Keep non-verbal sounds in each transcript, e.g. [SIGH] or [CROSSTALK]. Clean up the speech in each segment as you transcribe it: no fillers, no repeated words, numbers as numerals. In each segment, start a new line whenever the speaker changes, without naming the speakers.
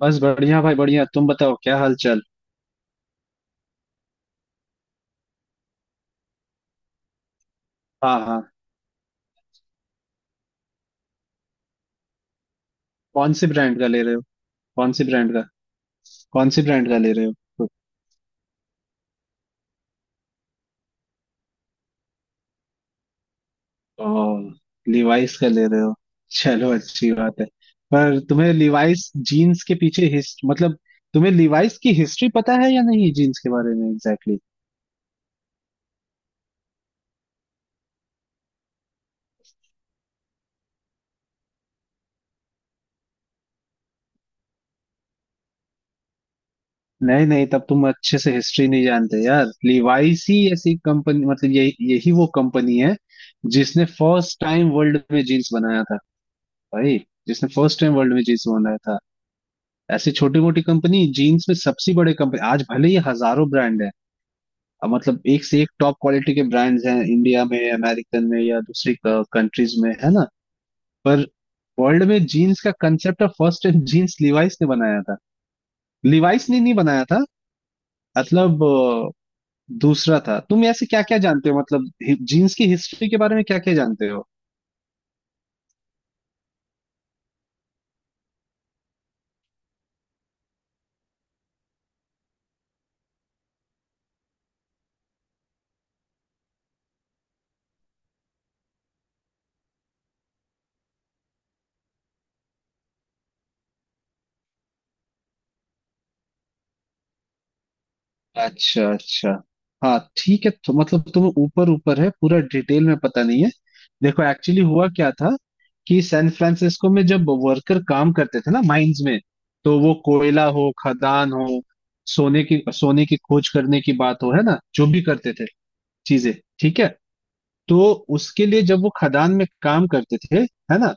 बस बढ़िया भाई बढ़िया। तुम बताओ क्या हाल चाल? हाँ हाँ। कौन सी ब्रांड का ले रहे हो? कौन सी ब्रांड का? कौन सी ब्रांड का ले रहे हो? ओ लिवाइस का ले रहे हो, चलो अच्छी बात है। पर तुम्हें लिवाइस जीन्स के पीछे हिस्ट मतलब तुम्हें लिवाइस की हिस्ट्री पता है या नहीं जीन्स के बारे में एग्जैक्टली exactly? नहीं नहीं, तब तुम अच्छे से हिस्ट्री नहीं जानते यार। लिवाइस ही ऐसी कंपनी, मतलब यही यही वो कंपनी है जिसने फर्स्ट टाइम वर्ल्ड में जीन्स बनाया था भाई। जिसने फर्स्ट टाइम वर्ल्ड में जींस बनाया था। ऐसी छोटी मोटी कंपनी जीन्स में सबसे बड़े कंपनी, आज भले ही हजारों ब्रांड है। अब मतलब एक से एक टॉप क्वालिटी के ब्रांड्स हैं इंडिया में, अमेरिकन में या दूसरी कंट्रीज में, है ना। पर वर्ल्ड में जीन्स का concept of first time jeans Levi's ने बनाया था। लिवाइस ने नहीं बनाया था, मतलब दूसरा था। तुम ऐसे क्या क्या जानते हो, मतलब जीन्स की हिस्ट्री के बारे में क्या क्या जानते हो? अच्छा अच्छा। हाँ ठीक है। तो मतलब तुम्हें ऊपर ऊपर है, पूरा डिटेल में पता नहीं है। देखो एक्चुअली हुआ क्या था कि सैन फ्रांसिस्को में जब वर्कर काम करते थे ना माइंस में। तो वो कोयला हो, खदान हो, सोने की खोज करने की बात हो, है ना, जो भी करते थे चीजें। ठीक है। तो उसके लिए जब वो खदान में काम करते थे, है ना,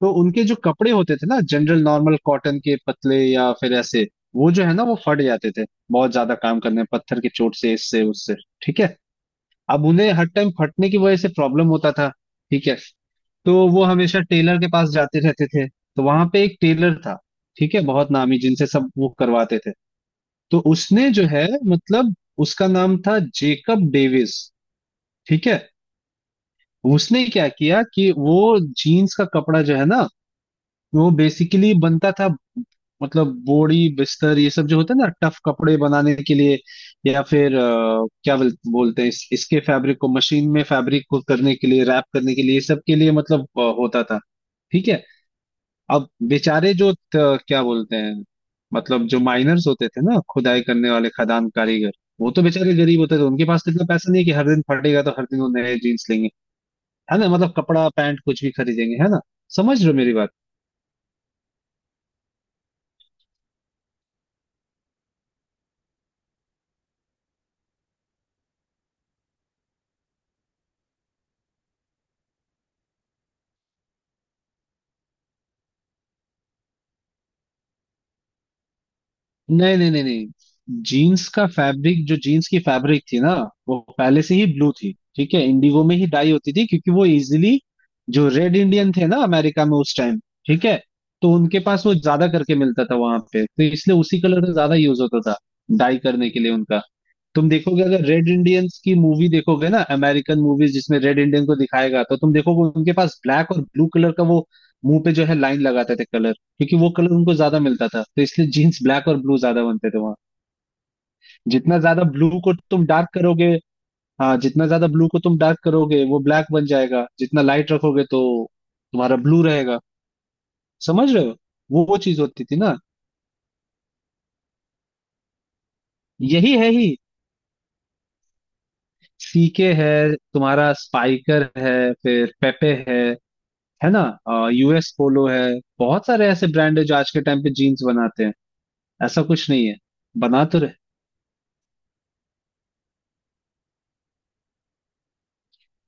तो उनके जो कपड़े होते थे ना जनरल नॉर्मल कॉटन के पतले या फिर ऐसे, वो जो है ना वो फट जाते थे। बहुत ज्यादा काम करने, पत्थर की चोट से, इससे उससे। ठीक है। अब उन्हें हर टाइम फटने की वजह से प्रॉब्लम होता था। ठीक है। तो वो हमेशा टेलर के पास जाते रहते थे, तो वहां पे एक टेलर था, ठीक है, बहुत नामी, जिनसे सब वो करवाते थे। तो उसने जो है, मतलब उसका नाम था जेकब डेविस। ठीक है। उसने क्या किया कि वो जीन्स का कपड़ा जो है ना, वो बेसिकली बनता था, मतलब बोड़ी बिस्तर ये सब जो होता है ना, टफ कपड़े बनाने के लिए या फिर क्या बोलते हैं, इसके फैब्रिक को मशीन में, फैब्रिक को करने के लिए, रैप करने के लिए, ये सब के लिए मतलब होता था। ठीक है। अब बेचारे जो क्या बोलते हैं, मतलब जो माइनर्स होते थे ना, खुदाई करने वाले खदान कारीगर, वो तो बेचारे गरीब होते थे। उनके पास तो इतना पैसा नहीं है कि हर दिन फटेगा तो हर दिन वो नए जीन्स लेंगे, है ना, मतलब कपड़ा, पैंट कुछ भी खरीदेंगे, है ना। समझ रहे हो मेरी बात। नहीं नहीं नहीं नहीं। जीन्स का फैब्रिक, जो जीन्स की फैब्रिक थी ना, वो पहले से ही ब्लू थी। ठीक है, इंडिगो में ही डाई होती थी क्योंकि वो इजीली। जो रेड इंडियन थे ना अमेरिका में, उस टाइम, ठीक है, तो उनके पास वो ज्यादा करके मिलता था वहां पे, तो इसलिए उसी कलर का ज्यादा यूज होता था डाई करने के लिए उनका। तुम देखोगे, अगर रेड इंडियंस की मूवी देखोगे ना, अमेरिकन मूवीज जिसमें रेड इंडियन को दिखाएगा, तो तुम देखोगे उनके पास ब्लैक और ब्लू कलर का वो मुंह पे जो है लाइन लगाते थे कलर, क्योंकि वो कलर उनको ज्यादा मिलता था, तो इसलिए जीन्स ब्लैक और ब्लू ज्यादा बनते थे वहाँ। जितना ज्यादा ब्लू को तुम डार्क करोगे, हाँ, जितना ज्यादा ब्लू को तुम डार्क करोगे वो ब्लैक बन जाएगा, जितना लाइट रखोगे तो तुम्हारा ब्लू रहेगा। समझ रहे हो। वो चीज होती थी ना। यही है ही। सीके है, तुम्हारा स्पाइकर है, फिर पेपे है ना, यूएस पोलो है। बहुत सारे ऐसे ब्रांड है जो आज के टाइम पे जीन्स बनाते हैं। ऐसा कुछ नहीं है, बना तो रहे।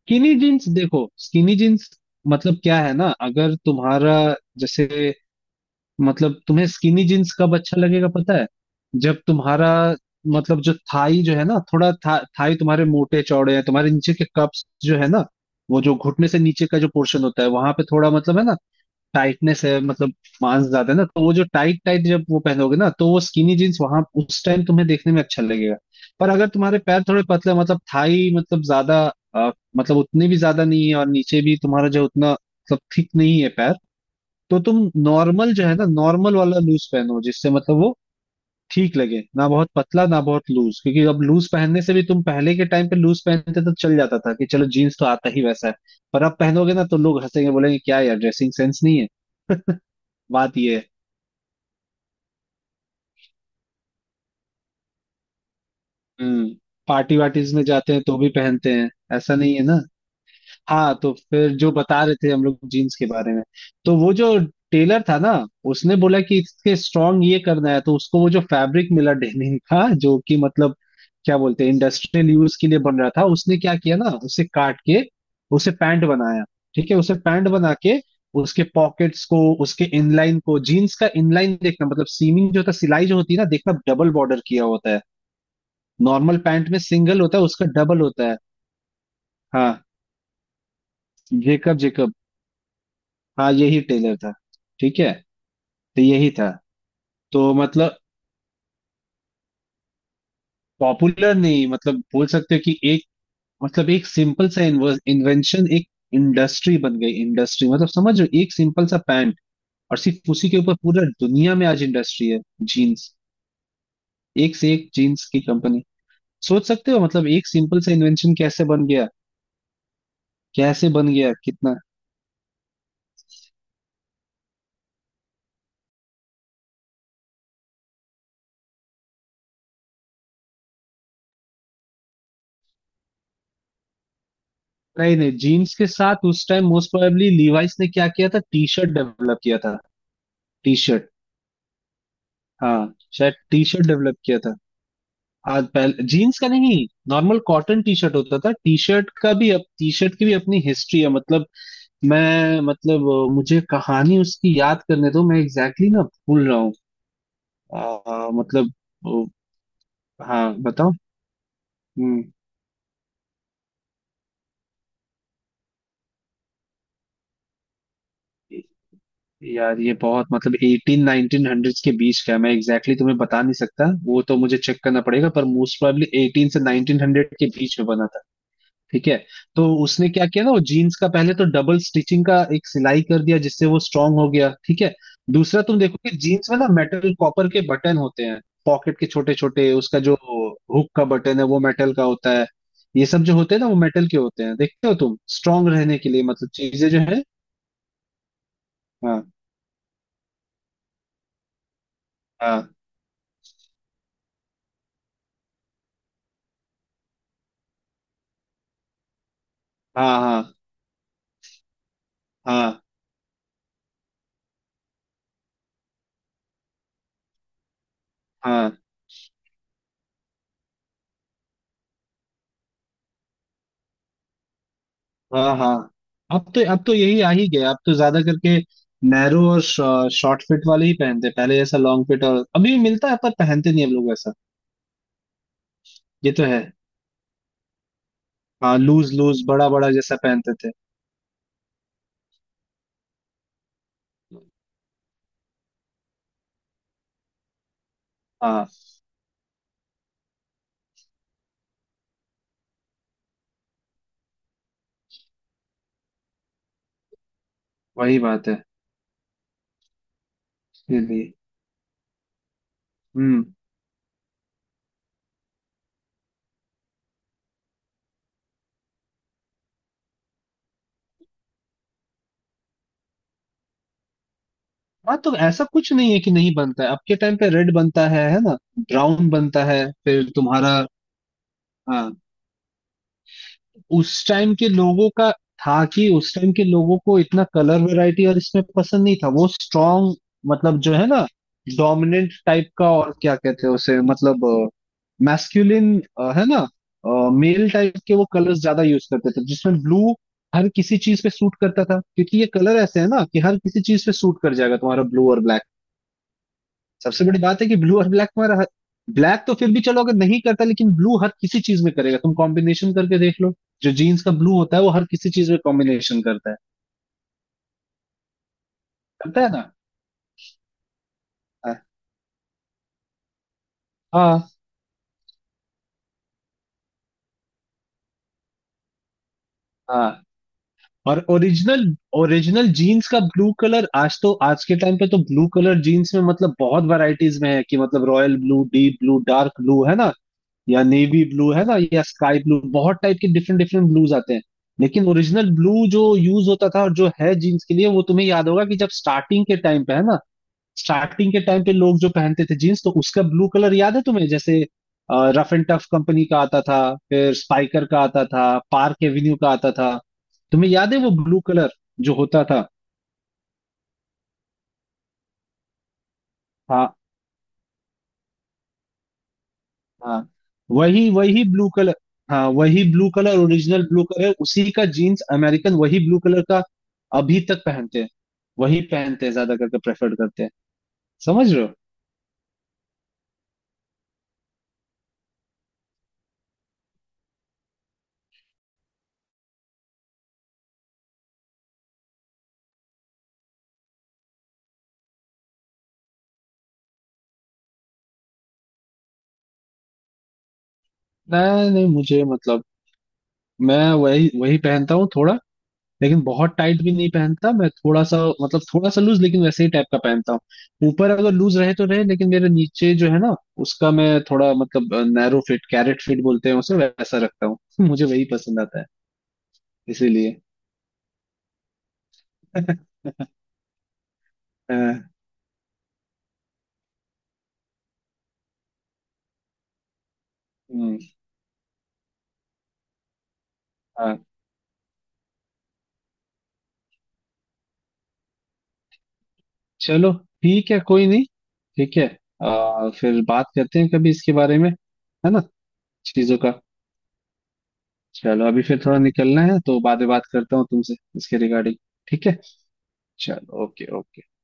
स्किनी जीन्स देखो। स्किनी जीन्स मतलब क्या है ना, अगर तुम्हारा, जैसे, मतलब तुम्हें स्किनी जीन्स कब अच्छा लगेगा पता है? जब तुम्हारा, मतलब जो थाई जो है ना थोड़ा थाई तुम्हारे मोटे चौड़े हैं, तुम्हारे नीचे के कप्स जो है ना, वो जो घुटने से नीचे का जो पोर्शन होता है वहां पे थोड़ा, मतलब है ना टाइटनेस है, मतलब मांस ज्यादा है ना, तो वो जो टाइट टाइट जब वो पहनोगे ना, तो वो स्किनी जीन्स वहां उस टाइम तुम्हें देखने में अच्छा लगेगा। पर अगर तुम्हारे पैर थोड़े पतले, मतलब थाई, मतलब ज्यादा अ, मतलब उतने भी ज्यादा नहीं है और नीचे भी तुम्हारा जो उतना मतलब थिक नहीं है पैर, तो तुम नॉर्मल जो है ना, नॉर्मल वाला लूज पहनो जिससे मतलब वो ठीक लगे, ना बहुत पतला ना बहुत लूज। क्योंकि अब लूज पहनने से भी, तुम पहले के टाइम पे लूज पहनते तो चल जाता था कि चलो जीन्स तो आता ही वैसा है, पर अब पहनोगे ना तो लोग हंसेंगे, बोलेंगे क्या यार ड्रेसिंग सेंस नहीं है। बात ये है। हम्म। पार्टी वार्टीज में जाते हैं तो भी पहनते हैं, ऐसा नहीं है ना। हाँ, तो फिर जो बता रहे थे हम लोग जीन्स के बारे में, तो वो जो टेलर था ना, उसने बोला कि इसके स्ट्रॉन्ग ये करना है, तो उसको वो जो फैब्रिक मिला डेनिम का, जो कि मतलब क्या बोलते हैं इंडस्ट्रियल यूज के लिए बन रहा था, उसने क्या किया ना उसे काट के उसे पैंट बनाया। ठीक है। उसे पैंट बना के उसके पॉकेट्स को, उसके इनलाइन को, जीन्स का इनलाइन देखना मतलब सीमिंग जो था, सिलाई जो होती है ना, देखना डबल बॉर्डर किया होता है, नॉर्मल पैंट में सिंगल होता है, उसका डबल होता है। हाँ जेकब जेकब, हाँ यही टेलर था। ठीक है, तो यही था। तो मतलब पॉपुलर नहीं, मतलब बोल सकते हो कि एक, मतलब एक सिंपल सा इन्वेंशन एक इंडस्ट्री बन गई। इंडस्ट्री मतलब समझ रहे हो, एक सिंपल सा पैंट और सिर्फ उसी के ऊपर पूरा दुनिया में आज इंडस्ट्री है जीन्स। एक से एक जीन्स की कंपनी। सोच सकते हो मतलब एक सिंपल सा इन्वेंशन कैसे बन गया, कैसे बन गया, कितना। नहीं नहीं, जीन्स के साथ उस टाइम मोस्ट प्रोबेबली लीवाइस ने क्या किया था, टी शर्ट डेवलप किया था। T shirt. हाँ शायद टी शर्ट डेवलप किया था। आज पहले जीन्स का नहीं, नॉर्मल कॉटन टी शर्ट होता था। टी शर्ट का भी, अब टी शर्ट की भी अपनी हिस्ट्री है मतलब। मैं मतलब मुझे कहानी उसकी याद करने दो। मैं एग्जैक्टली exactly ना भूल रहा हूँ। मतलब हाँ बताओ। हम्म। यार ये बहुत मतलब एटीन नाइनटीन हंड्रेड्स के बीच का है। मैं एग्जैक्टली exactly तुम्हें बता नहीं सकता, वो तो मुझे चेक करना पड़ेगा, पर मोस्ट प्रोबेबली एटीन से नाइनटीन हंड्रेड के बीच में बना था। ठीक है। तो उसने क्या किया ना, वो जीन्स का पहले तो डबल स्टिचिंग का एक सिलाई कर दिया जिससे वो स्ट्रांग हो गया। ठीक है। दूसरा, तुम देखो कि जीन्स में ना मेटल कॉपर के बटन होते हैं, पॉकेट के छोटे छोटे उसका जो हुक का बटन है वो मेटल का होता है, ये सब जो होते हैं ना वो मेटल के होते हैं, देखते हो तुम, स्ट्रांग रहने के लिए मतलब चीजें जो है। हाँ हाँ हाँ हाँ हाँ हाँ हाँ हाँ। अब तो यही आ ही गया। अब तो ज्यादा करके नैरो और शॉर्ट फिट वाले ही पहनते हैं। पहले जैसा लॉन्ग फिट और अभी भी मिलता है पर पहनते नहीं हम लोग ऐसा। ये तो है। हाँ लूज लूज बड़ा बड़ा जैसा पहनते थे। हाँ वही बात है। इसीलिए। हम्म। हाँ तो ऐसा कुछ नहीं है कि नहीं बनता है, अब के टाइम पे रेड बनता है ना, ब्राउन बनता है फिर तुम्हारा। हाँ। उस टाइम के लोगों का, था कि उस टाइम के लोगों को इतना कलर वैरायटी और इसमें पसंद नहीं था, वो स्ट्रॉन्ग मतलब जो है ना डोमिनेंट टाइप का, और क्या कहते हैं उसे, मतलब मैस्कुलिन, है ना, मेल टाइप के वो कलर्स ज्यादा यूज करते थे, जिसमें ब्लू हर किसी चीज पे सूट करता था क्योंकि ये कलर ऐसे है ना कि हर किसी चीज पे सूट कर जाएगा तुम्हारा ब्लू और ब्लैक। सबसे बड़ी बात है कि ब्लू और ब्लैक में, ब्लैक तो फिर भी चलो अगर नहीं करता, लेकिन ब्लू हर किसी चीज में करेगा। तुम कॉम्बिनेशन करके देख लो, जो जीन्स का ब्लू होता है वो हर किसी चीज में कॉम्बिनेशन करता है, करता है ना। हाँ हाँ। और ओरिजिनल, ओरिजिनल जीन्स का ब्लू कलर, आज तो, आज के टाइम पे तो ब्लू कलर जीन्स में मतलब बहुत वैरायटीज में है, कि मतलब royal blue, deep blue, dark blue, है ना, या नेवी ब्लू है ना, या स्काई ब्लू, बहुत टाइप के डिफरेंट डिफरेंट ब्लूज आते हैं। लेकिन ओरिजिनल ब्लू जो यूज होता था और जो है जीन्स के लिए, वो तुम्हें याद होगा कि जब स्टार्टिंग के टाइम पे है ना, स्टार्टिंग के टाइम पे लोग जो पहनते थे जीन्स, तो उसका ब्लू कलर याद है तुम्हें जैसे, रफ एंड टफ कंपनी का आता था, फिर स्पाइकर का आता था, पार्क एवेन्यू का आता था, तुम्हें याद है वो ब्लू कलर जो होता था। हाँ हाँ। वही वही ब्लू कलर। हाँ वही blue colour, original blue colour उसी का, जीन्स अमेरिकन वही ब्लू कलर का अभी तक पहनते हैं, वही पहनते हैं, ज्यादा करके प्रेफर्ड करते हैं। समझ रहे हो। नहीं नहीं, मुझे मतलब, मैं वही वही पहनता हूँ थोड़ा, लेकिन बहुत टाइट भी नहीं पहनता। मैं थोड़ा सा मतलब थोड़ा सा लूज लेकिन वैसे ही टाइप का पहनता हूँ, ऊपर अगर लूज रहे तो रहे लेकिन मेरे नीचे जो है ना उसका मैं थोड़ा मतलब नैरो फिट, कैरेट फिट बोलते हैं उसे, वैसा रखता हूँ [LAUGHS] मुझे वही पसंद आता है। इसीलिए [LAUGHS] हाँ, नहीं, हाँ चलो ठीक है, कोई नहीं, ठीक है। फिर बात करते हैं कभी इसके बारे में, है ना, चीजों का। चलो अभी फिर थोड़ा निकलना है तो बाद में बात करता हूँ तुमसे इसके रिगार्डिंग। ठीक है। चलो ओके ओके।